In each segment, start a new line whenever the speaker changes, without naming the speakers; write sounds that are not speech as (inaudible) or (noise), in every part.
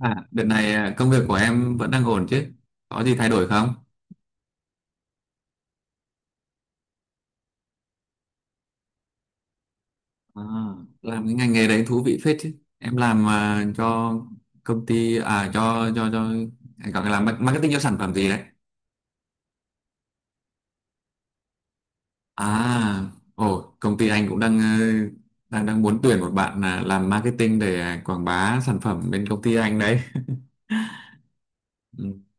À, đợt này à, công việc của em vẫn đang ổn chứ? Có gì thay đổi không? À, làm cái ngành nghề đấy thú vị phết chứ. Em làm à, cho công ty cho anh gọi là làm marketing cho sản phẩm gì đấy? À, ồ, công ty anh cũng đang đang đang muốn tuyển một bạn à, làm marketing để à, quảng bá sản phẩm bên công ty anh đấy. (laughs)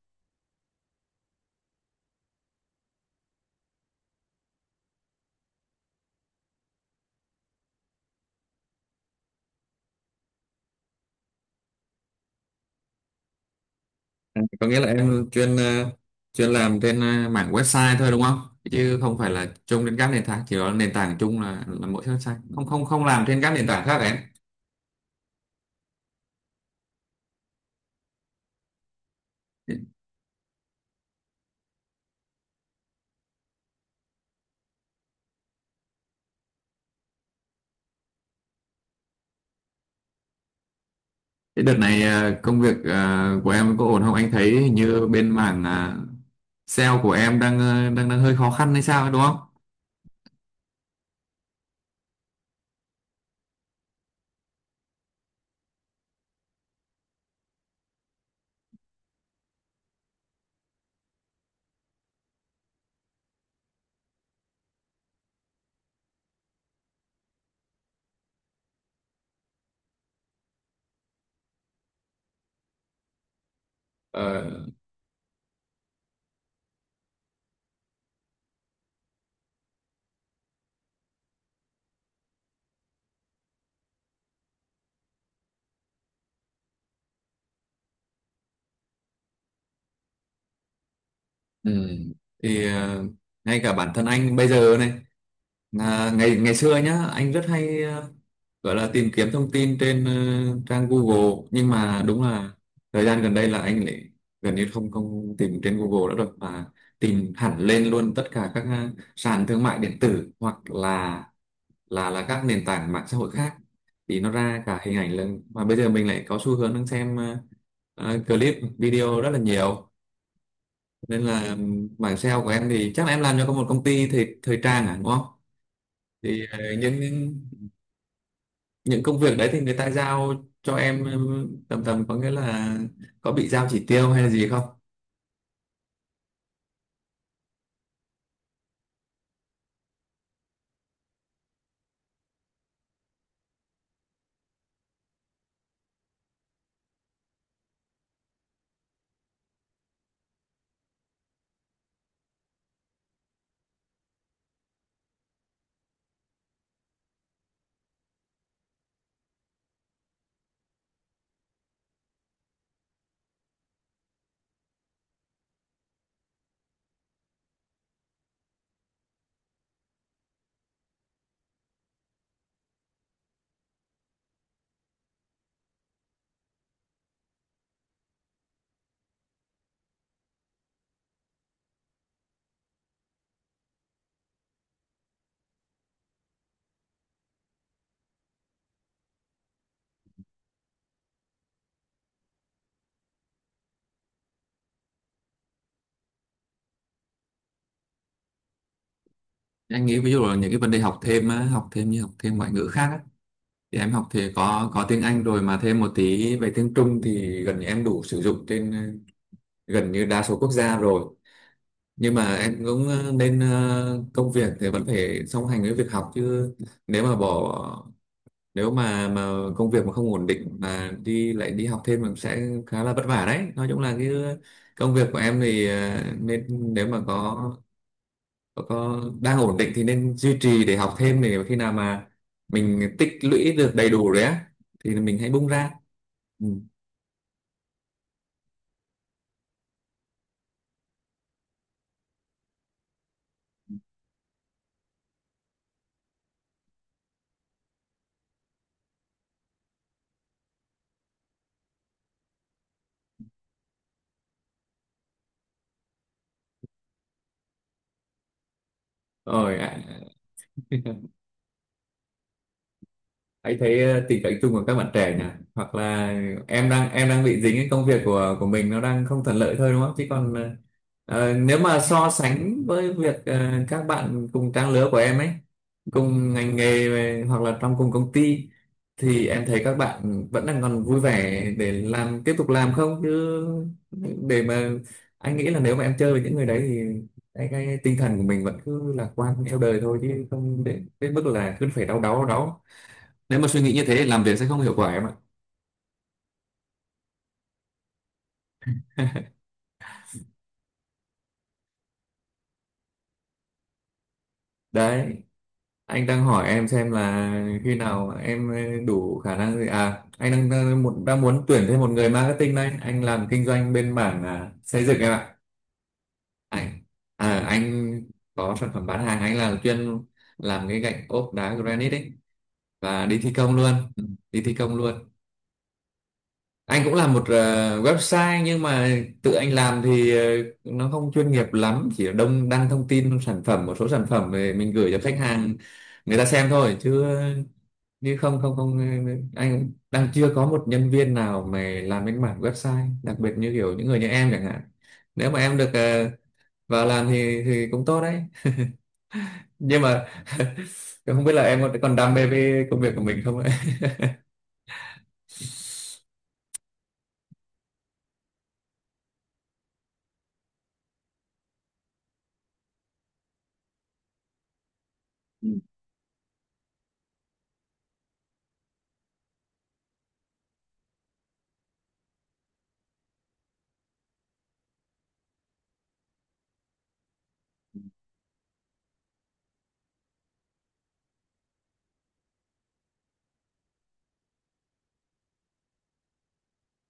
À, có nghĩa là em chuyên chuyên làm trên mảng website thôi đúng không? Chứ không phải là chung đến các nền tảng, chỉ có nền tảng chung là mỗi website. Không không không làm trên các nền tảng khác em. Thế đợt này công việc của em có ổn không? Anh thấy hình như bên mảng sale của em đang đang đang hơi khó khăn hay sao ấy, đúng không? Ờ, ừ. Thì ngay cả bản thân anh bây giờ này. À, ngày ngày xưa nhá, anh rất hay gọi là tìm kiếm thông tin trên trang Google, nhưng mà đúng là thời gian gần đây là anh lại gần như không không tìm trên Google nữa rồi, mà tìm hẳn lên luôn tất cả các sàn thương mại điện tử, hoặc là là các nền tảng mạng xã hội khác, thì nó ra cả hình ảnh lên. Mà bây giờ mình lại có xu hướng đang xem clip video rất là nhiều, nên là bảng sale của em thì chắc là em làm cho có một công ty thời thời trang à đúng không? Thì những những công việc đấy thì người ta giao cho em tầm tầm có nghĩa là có bị giao chỉ tiêu hay là gì không? Anh nghĩ ví dụ là những cái vấn đề học thêm á, học thêm như học thêm ngoại ngữ khác á, thì em học thì có tiếng Anh rồi, mà thêm một tí về tiếng Trung thì gần như em đủ sử dụng trên gần như đa số quốc gia rồi. Nhưng mà em cũng nên công việc thì vẫn phải song hành với việc học chứ. Nếu mà bỏ, nếu mà công việc mà không ổn định mà đi lại đi học thêm, mình sẽ khá là vất vả đấy. Nói chung là cái công việc của em thì nên nếu mà có đang ổn định thì nên duy trì để học thêm, để khi nào mà mình tích lũy được đầy đủ rồi á thì mình hãy bung ra. Ừ. Rồi ạ. (laughs) Anh thấy tình cảnh chung của các bạn trẻ nhỉ? Hoặc là em đang bị dính cái công việc của mình nó đang không thuận lợi thôi đúng không? Chứ còn nếu mà so sánh với việc các bạn cùng trang lứa của em ấy, cùng ngành nghề hoặc là trong cùng công ty, thì em thấy các bạn vẫn đang còn vui vẻ để làm tiếp tục làm không chứ. Để mà anh nghĩ là nếu mà em chơi với những người đấy thì cái tinh thần của mình vẫn cứ lạc quan theo đời thôi, chứ không đến đến mức là cứ phải đau đáu. Nếu mà suy nghĩ như thế thì làm việc sẽ không hiệu quả em ạ. (laughs) Đấy, anh đang hỏi em xem là khi nào em đủ khả năng gì à. Anh đang đang, đang muốn tuyển thêm một người marketing đây. Anh làm kinh doanh bên mảng à, xây dựng em ạ. anh À, anh có sản phẩm bán hàng. Anh là chuyên làm cái gạch ốp đá granite ấy và đi thi công luôn. Ừ, đi thi công luôn. Anh cũng làm một website, nhưng mà tự anh làm thì nó không chuyên nghiệp lắm, chỉ đông đăng thông tin sản phẩm, một số sản phẩm về mình gửi cho khách hàng người ta xem thôi. Chứ như không không không ờ, anh đang chưa có một nhân viên nào mà làm cái mảng website đặc biệt như kiểu những người như em chẳng hạn. Nếu mà em được vào làm thì cũng tốt đấy. (laughs) Nhưng mà (laughs) không biết là em còn còn đam mê với công việc của mình không ấy.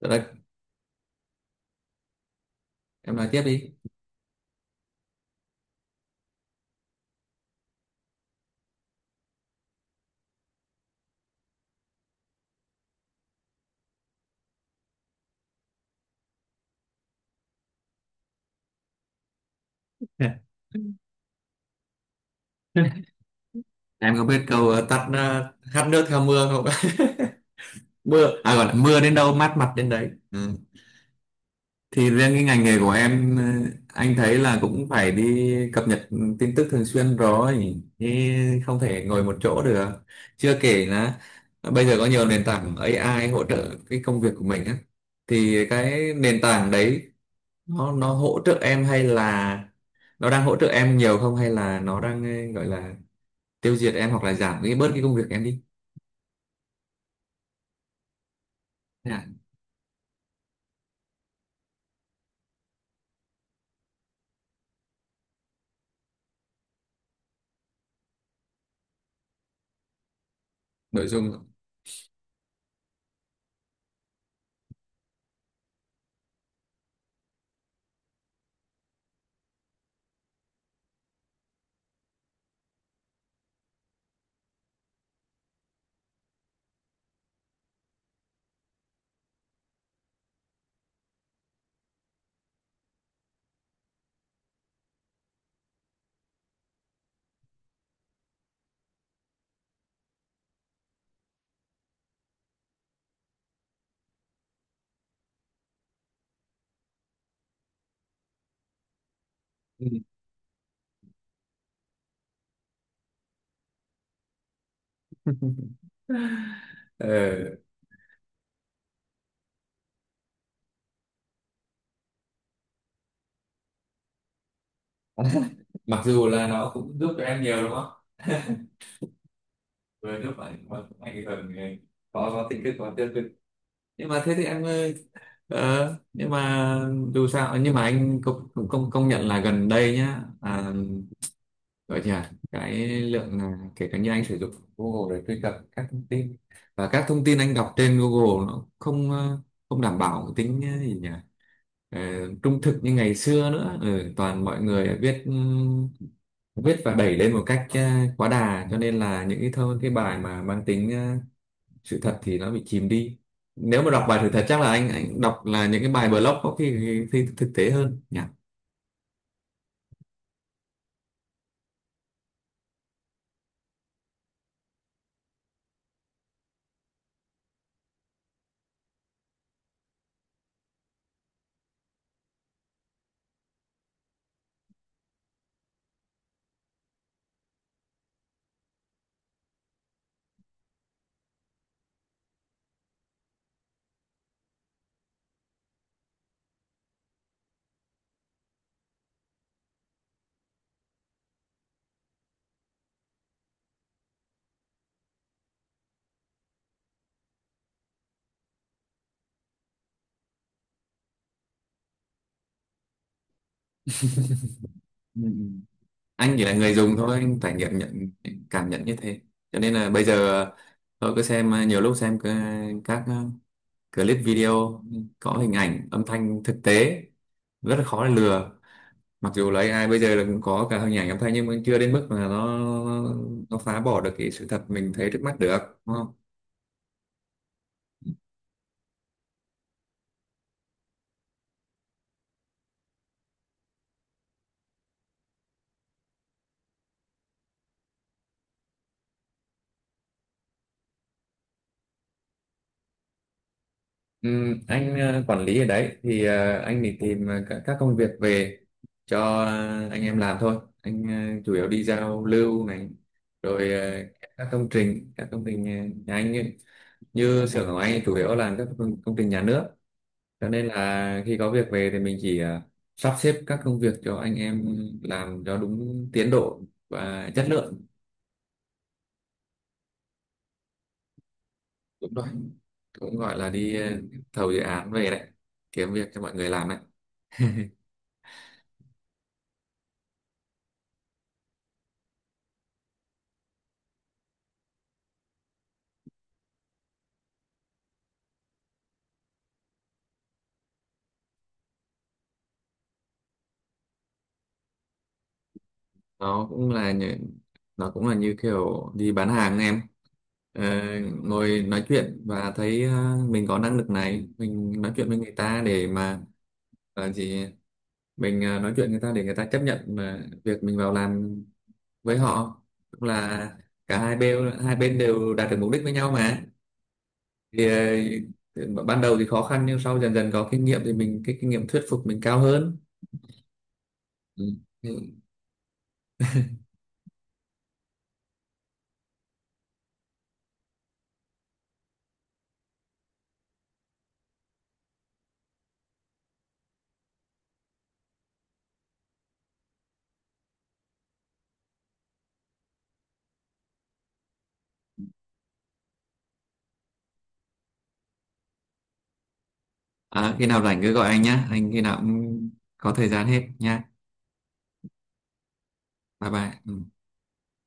(laughs) Rồi, em nói tiếp đi. Em có biết câu hát nước theo mưa không? (laughs) À gọi là mưa đến đâu mát mặt đến đấy. Ừ. Thì riêng cái ngành nghề của em anh thấy là cũng phải đi cập nhật tin tức thường xuyên rồi. Thì không thể ngồi một chỗ được. Chưa kể là bây giờ có nhiều nền tảng AI hỗ trợ cái công việc của mình á. Thì cái nền tảng đấy nó hỗ trợ em, hay là nó đang hỗ trợ em nhiều không, hay là nó đang gọi là tiêu diệt em hoặc là giảm cái bớt cái công việc em đi? Nội dung. Ừ. (laughs) Ờ, mặc dù là nó cũng giúp cho em nhiều đúng không? (laughs) Vừa giúp ảnh mà cũng ảnh hưởng người, có tích cực có tiêu cực. Nhưng mà thế thì em ơi, nhưng mà dù sao nhưng mà anh cũng cũng công công nhận là gần đây nhá. À, gọi gì à cái lượng là kể cả như anh sử dụng Google để truy cập các thông tin, và các thông tin anh đọc trên Google nó không không đảm bảo tính gì nhỉ, ờ, trung thực như ngày xưa nữa. Ừ, toàn mọi người viết, viết và đẩy lên một cách quá đà, cho nên là những cái bài mà mang tính sự thật thì nó bị chìm đi. Nếu mà đọc bài sự thật chắc là anh đọc là những cái bài blog có khi thực tế hơn nhỉ. Ừ, ừ. Anh chỉ là người dùng thôi, anh trải nghiệm cảm nhận như thế. Cho nên là bây giờ tôi cứ xem nhiều lúc xem các clip video có hình ảnh âm thanh thực tế rất là khó để lừa. Mặc dù là AI bây giờ là cũng có cả hình ảnh âm thanh, nhưng mà chưa đến mức mà nó phá bỏ được cái sự thật mình thấy trước mắt được, đúng không? Anh quản lý ở đấy thì anh đi tìm các công việc về cho anh em làm thôi. Anh chủ yếu đi giao lưu này, rồi các công trình nhà anh như, như xưởng của anh chủ yếu làm các công trình nhà nước. Cho nên là khi có việc về thì mình chỉ sắp xếp các công việc cho anh em làm cho đúng tiến độ và chất lượng. Đúng rồi, cũng gọi là đi thầu dự án về đấy, kiếm việc cho mọi người làm đấy. nó cũng là như, nó cũng là như kiểu đi bán hàng em. Ờ, ngồi nói chuyện và thấy mình có năng lực này, mình nói chuyện với người ta để mà là gì mình nói chuyện người ta để người ta chấp nhận mà việc mình vào làm với họ, cũng là cả hai bên, đều đạt được mục đích với nhau mà. Thì ban đầu thì khó khăn, nhưng sau dần dần có kinh nghiệm thì cái kinh nghiệm thuyết phục mình cao hơn. Ừ. Ừ. À, khi nào rảnh cứ gọi anh nhá. Anh khi nào cũng có thời gian hết nha. Bye bye. Ừ.